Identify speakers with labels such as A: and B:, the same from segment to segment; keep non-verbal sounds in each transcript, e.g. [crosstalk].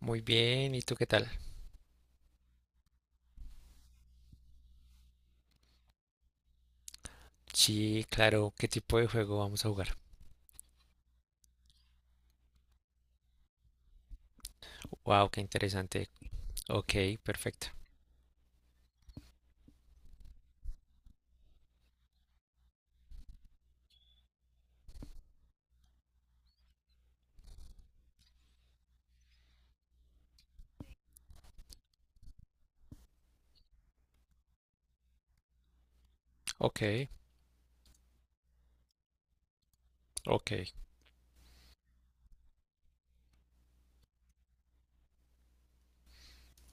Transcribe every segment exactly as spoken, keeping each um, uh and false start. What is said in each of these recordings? A: Muy bien, ¿y tú qué tal? Sí, claro, ¿qué tipo de juego vamos a jugar? Wow, qué interesante. Ok, perfecto. Ok, ok,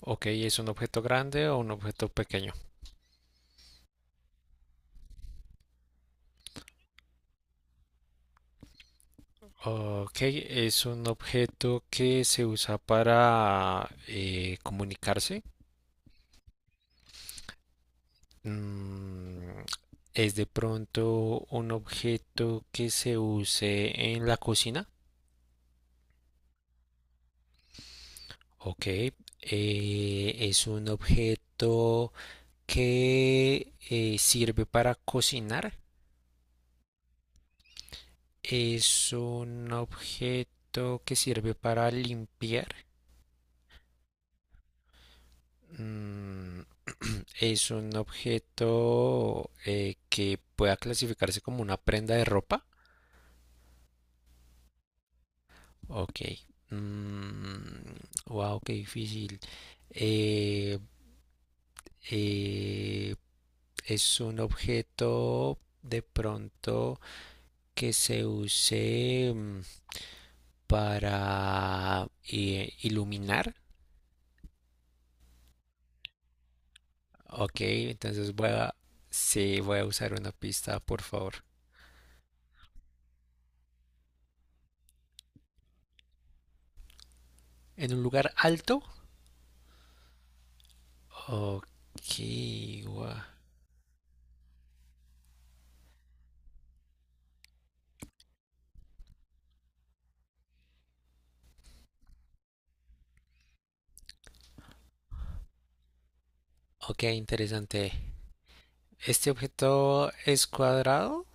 A: ok, ¿es un objeto grande o un objeto pequeño? Ok, ¿es un objeto que se usa para eh, comunicarse? Mm, ¿es de pronto un objeto que se use en la cocina? Ok, eh, ¿es un objeto, que eh, sirve para cocinar? Es un objeto que sirve para limpiar. Mm, [clears throat] es un objeto eh, que pueda clasificarse como una prenda de ropa. Ok. Mm, wow, qué difícil. Eh, eh, es un objeto de pronto que se use, mm, para eh, iluminar. Ok, entonces voy a... Sí, voy a usar una pista, por favor. En un lugar alto. Ok, gua- Ok, interesante. ¿Este objeto es cuadrado?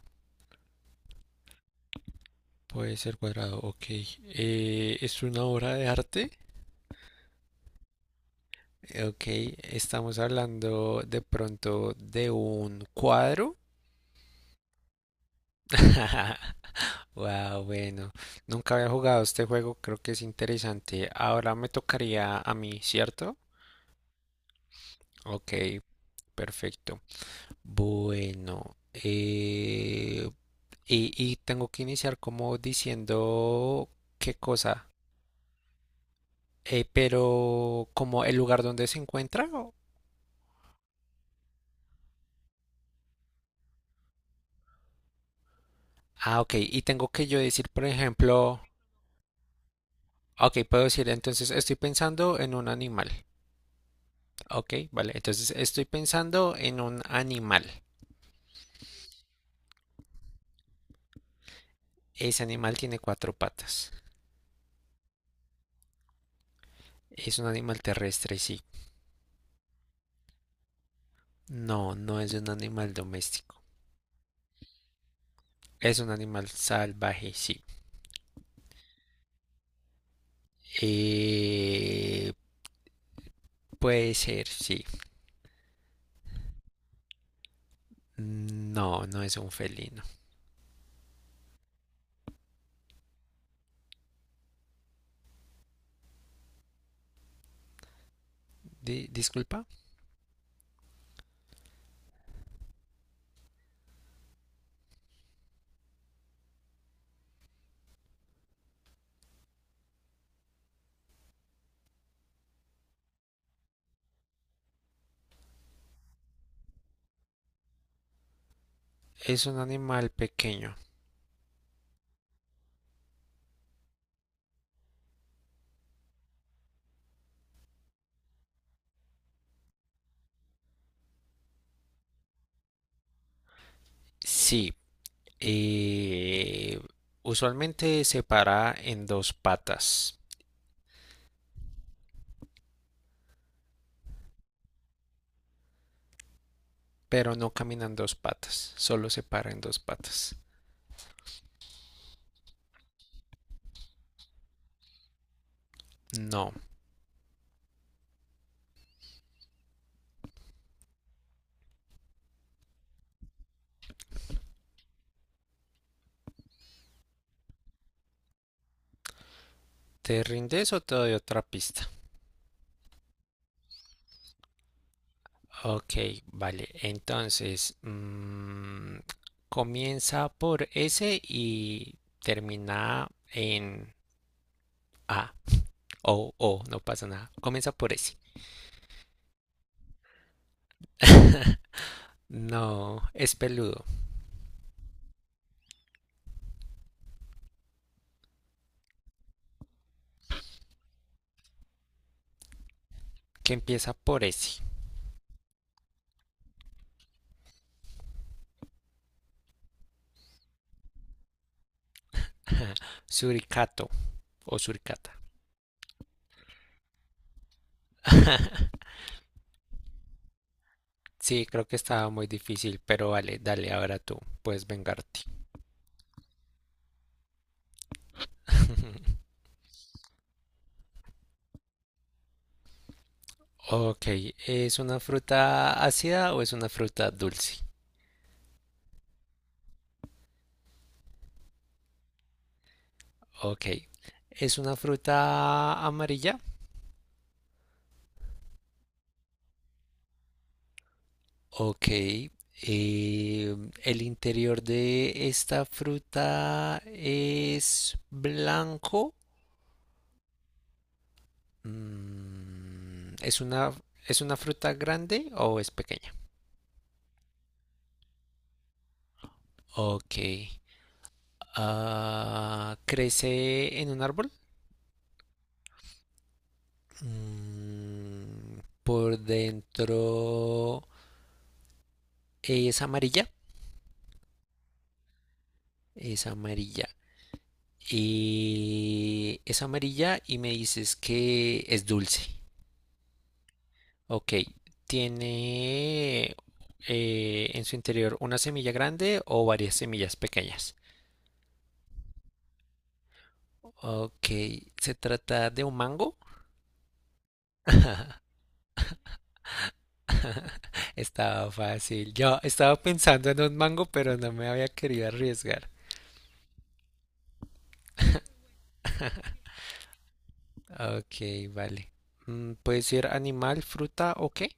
A: Puede ser cuadrado, ok. Eh, ¿es una obra de arte? Ok, estamos hablando de pronto de un cuadro. [laughs] Wow, bueno, nunca había jugado este juego, creo que es interesante. Ahora me tocaría a mí, ¿cierto? Ok, perfecto. Bueno, eh, y, y tengo que iniciar como diciendo qué cosa. Eh, pero como el lugar donde se encuentra. O- ah, ok, y tengo que yo decir, por ejemplo, ok, puedo decir, entonces estoy pensando en un animal. Ok, vale, entonces estoy pensando en un animal. Ese animal tiene cuatro patas. Es un animal terrestre, sí. No, no es un animal doméstico. Es un animal salvaje, sí. Eh, puede ser, sí. No, no es un felino. Di- disculpa. Es un animal pequeño. Sí. Eh, usualmente se para en dos patas, pero no camina en dos patas. Solo se para en dos patas. No. ¿Te rindes o te doy otra pista? Ok, vale. Entonces, mm, comienza por S y termina en A o O, no pasa nada. Comienza por S. No, es peludo, que empieza por S. Suricato o suricata. [laughs] Sí, creo que estaba muy difícil, pero vale, dale, ahora tú puedes vengarte. [laughs] Ok, ¿es una fruta ácida o es una fruta dulce? Ok, ¿es una fruta amarilla? Ok, eh, el interior de esta fruta es blanco. Mm, ¿es una, ¿es una fruta grande o es pequeña? Ok, ah, ¿crece en un árbol? Mm, por dentro es amarilla. Es amarilla. Y es amarilla y me dices que es dulce. Ok, ¿tiene eh, en su interior una semilla grande o varias semillas pequeñas? Ok, ¿se trata de un mango? Estaba fácil. Yo estaba pensando en un mango, pero no me había querido arriesgar. Ok, vale. Mm, ¿puede ser animal, fruta o qué?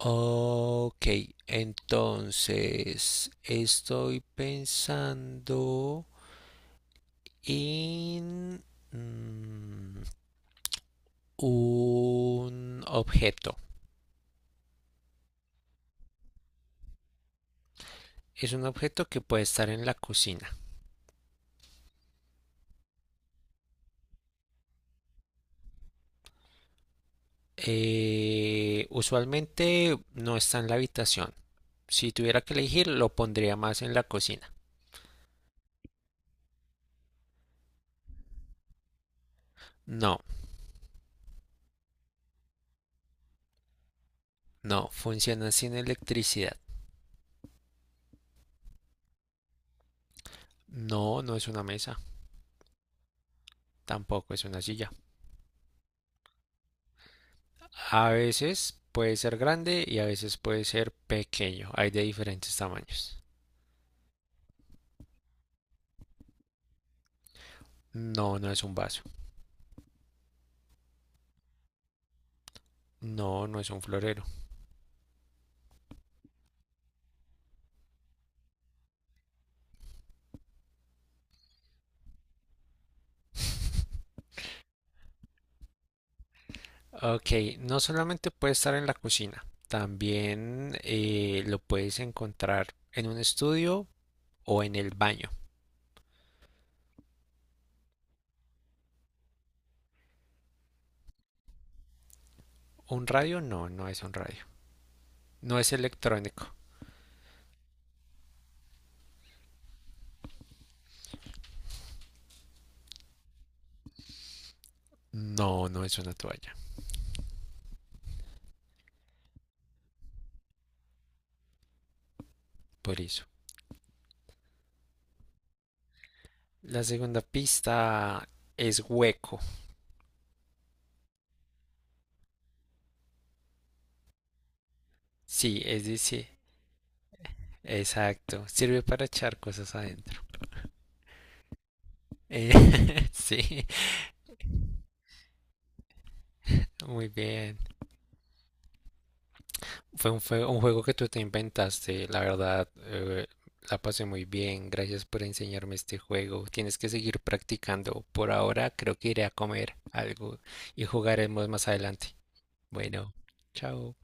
A: Ok, entonces estoy pensando en... mm, un objeto. Es un objeto que puede estar en la cocina. Eh, usualmente no está en la habitación. Si tuviera que elegir, lo pondría más en la cocina. No, no, funciona sin electricidad. No, no es una mesa, tampoco es una silla. A veces puede ser grande y a veces puede ser pequeño. Hay de diferentes tamaños. No, no es un vaso. No, no es un florero. [laughs] Ok, no solamente puede estar en la cocina, también eh, lo puedes encontrar en un estudio o en el baño. ¿Un radio? No, no es un radio. No es electrónico. No, no es una toalla. Por eso. La segunda pista es hueco. Sí, es decir, exacto. Sirve para echar cosas adentro. Eh, [laughs] sí, muy bien. Fue un, fue un juego que tú te inventaste, la verdad. Eh, la pasé muy bien, gracias por enseñarme este juego. Tienes que seguir practicando. Por ahora creo que iré a comer algo y jugaremos más adelante. Bueno, chao.